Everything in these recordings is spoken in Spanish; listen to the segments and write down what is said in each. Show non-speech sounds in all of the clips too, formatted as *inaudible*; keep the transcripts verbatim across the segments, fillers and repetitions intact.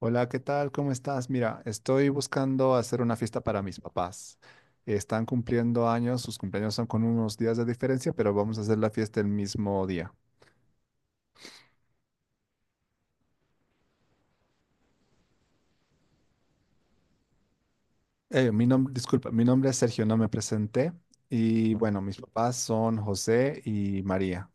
Hola, ¿qué tal? ¿Cómo estás? Mira, estoy buscando hacer una fiesta para mis papás. Están cumpliendo años, sus cumpleaños son con unos días de diferencia, pero vamos a hacer la fiesta el mismo día. Eh, mi nombre, disculpa, mi nombre es Sergio, no me presenté. Y bueno, mis papás son José y María.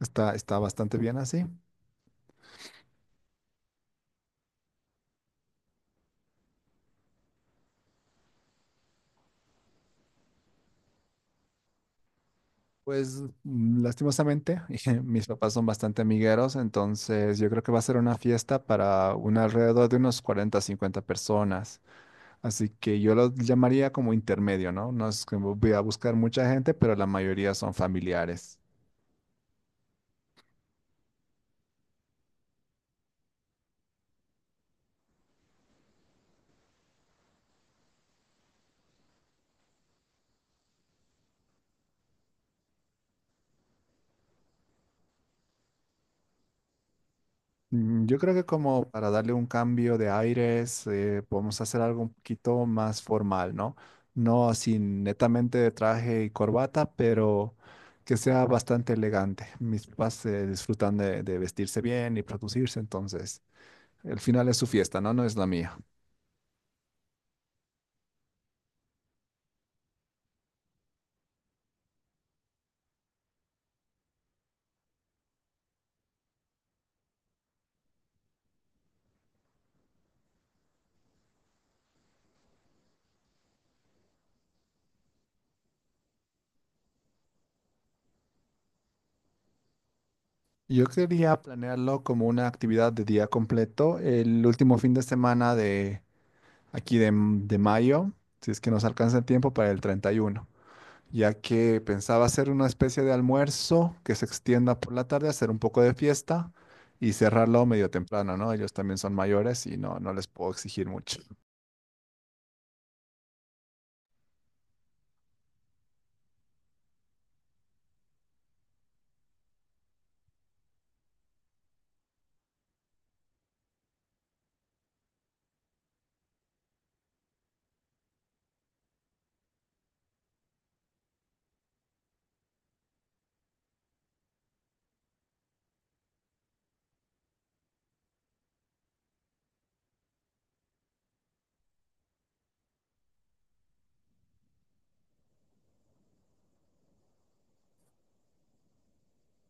Está, está bastante bien así. Pues mm, lastimosamente, *laughs* mis papás son bastante amigueros, entonces yo creo que va a ser una fiesta para un alrededor de unos cuarenta, cincuenta personas. Así que yo los llamaría como intermedio, ¿no? No es que voy a buscar mucha gente, pero la mayoría son familiares. Mm, yo creo que como para darle un cambio de aires, eh, podemos hacer algo un poquito más formal, ¿no? No así netamente de traje y corbata, pero que sea bastante elegante. Mis papás se disfrutan de, de vestirse bien y producirse, entonces el final es su fiesta, ¿no? No es la mía. Yo quería planearlo como una actividad de día completo, el último fin de semana de aquí de, de mayo, si es que nos alcanza el tiempo para el treinta y uno, ya que pensaba hacer una especie de almuerzo que se extienda por la tarde, hacer un poco de fiesta y cerrarlo medio temprano, ¿no? Ellos también son mayores y no, no les puedo exigir mucho.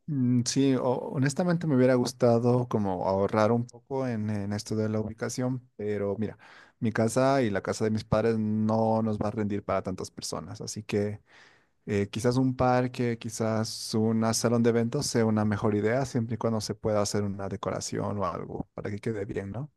Mm, sí. O- honestamente me hubiera gustado como ahorrar un poco en, en esto de la ubicación, pero mira, mi casa y la casa de mis padres no nos va a rendir para tantas personas, así que Eh, quizás un parque, quizás un salón de eventos sea una mejor idea, siempre y cuando se pueda hacer una decoración o algo para que quede bien, ¿no?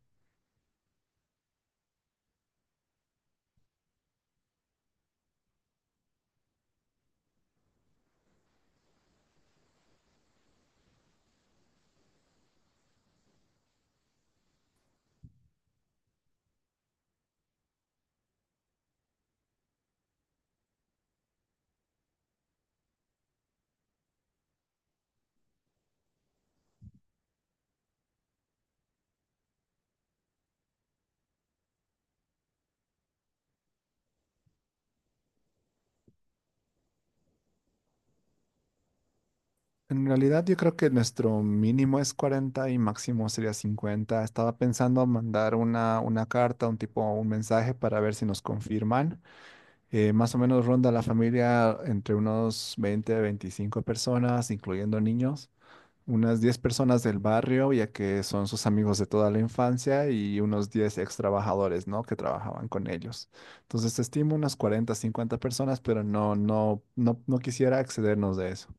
En realidad yo creo que nuestro mínimo es cuarenta y máximo sería cincuenta. Estaba pensando mandar una, una carta, un tipo, un mensaje para ver si nos confirman. Eh, más o menos ronda la familia entre unos veinte, veinticinco personas, incluyendo niños. Unas diez personas del barrio, ya que son sus amigos de toda la infancia, y unos diez ex trabajadores, ¿no? Que trabajaban con ellos. Entonces, estimo unas cuarenta cincuenta personas, pero no, no, no, no quisiera excedernos de eso.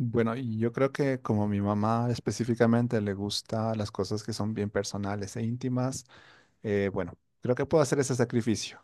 Bueno, y yo creo que como mi mamá específicamente le gusta las cosas que son bien personales e íntimas, eh, bueno, creo que puedo hacer ese sacrificio.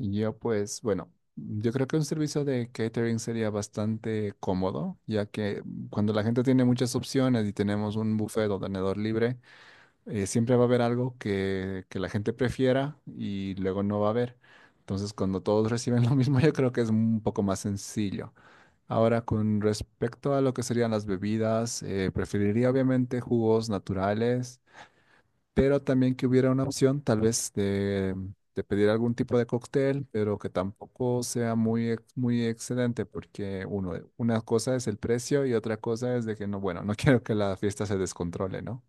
Yo pues, bueno, yo creo que un servicio de catering sería bastante cómodo, ya que cuando la gente tiene muchas opciones y tenemos un buffet o tenedor libre, eh, siempre va a haber algo que, que la gente prefiera y luego no va a haber. Entonces, cuando todos *laughs* reciben lo mismo, *laughs* yo creo que es un poco más sencillo. Ahora, con respecto a lo que serían las bebidas, eh, preferiría obviamente jugos naturales, pero también que hubiera una opción tal vez de, de pedir algún tipo de cóctel, pero que tampoco sea muy, ex- muy excedente, porque uno, una cosa es el precio y otra cosa es de que no, bueno, no *laughs* quiero que la fiesta se descontrole, ¿no?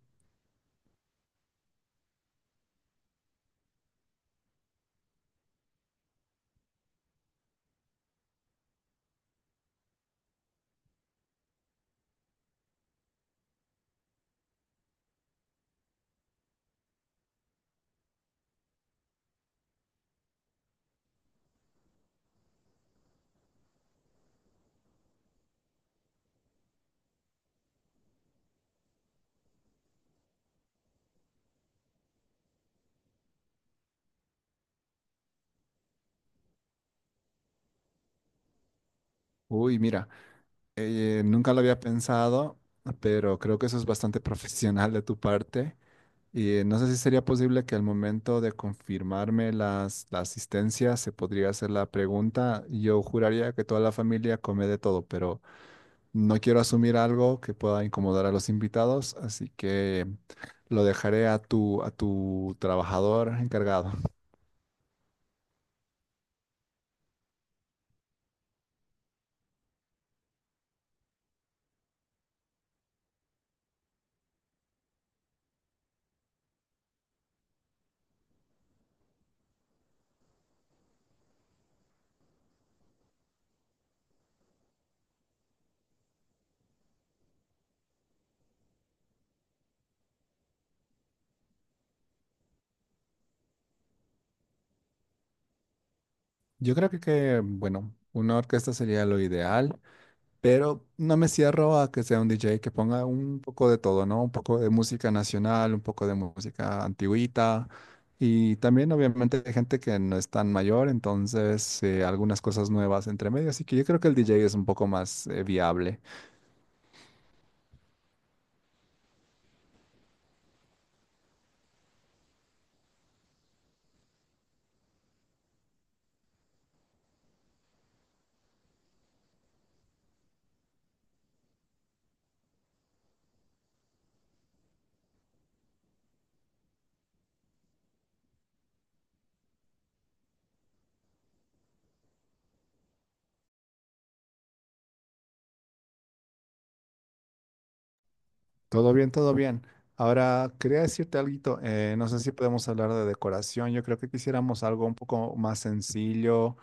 Uy, mira, eh, nunca lo había pensado, pero creo que eso es bastante *laughs* profesional de tu parte. Y no sé si sería posible que al momento de confirmarme las, la asistencia se podría hacer la pregunta. Yo juraría que toda la familia come de todo, pero no quiero asumir algo que pueda incomodar a los invitados, así que lo dejaré a tu, a tu trabajador encargado. Yo creo que, que, bueno, una orquesta sería lo ideal. Pero no me cierro a que sea un D J que ponga un poco de todo, ¿no? Un poco de música nacional, un poco de música antigüita. Y también, obviamente, hay gente que no es tan mayor, entonces eh, algunas cosas nuevas entre medio. Así que yo creo que el D J es un poco más eh, viable. Todo bien, todo bien. Ahora, quería decirte algo. Eh, no sé si podemos hablar de decoración. Yo creo que quisiéramos algo un poco más sencillo,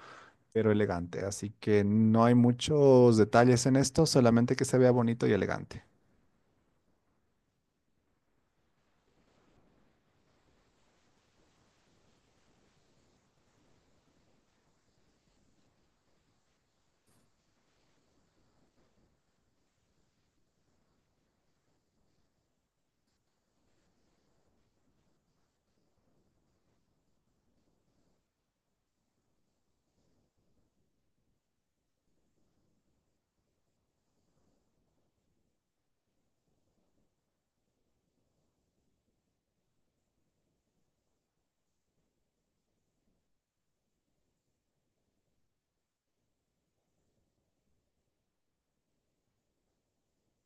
pero elegante. Así que no hay muchos detalles en esto, solamente que se vea bonito y elegante.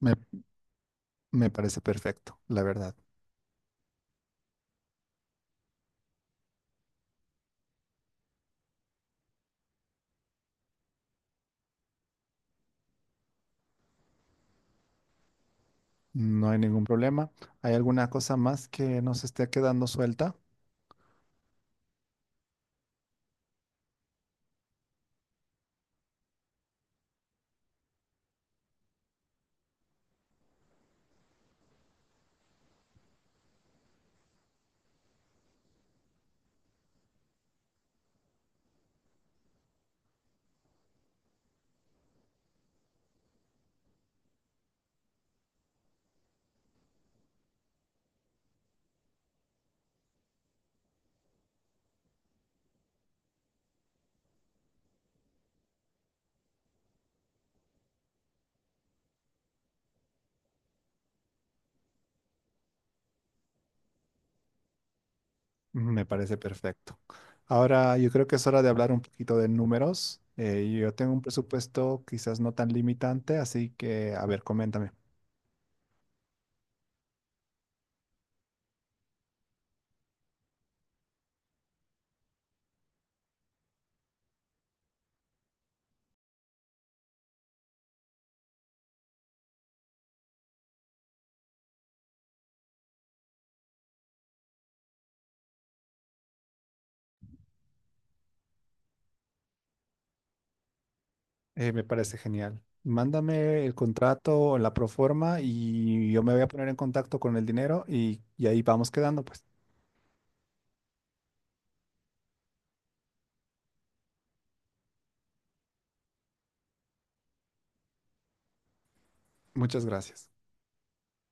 Me Me parece perfecto, la verdad. No hay ningún problema. ¿Hay alguna cosa más que nos esté quedando suelta? Me parece perfecto. Ahora yo creo que es hora de hablar un poquito de números. Eh, yo tengo un presupuesto quizás no tan limitante, así que, a ver, coméntame. Eh, me parece genial. Mándame el contrato o la proforma y yo me voy a poner en contacto con el dinero y, y ahí vamos quedando, pues. Muchas gracias.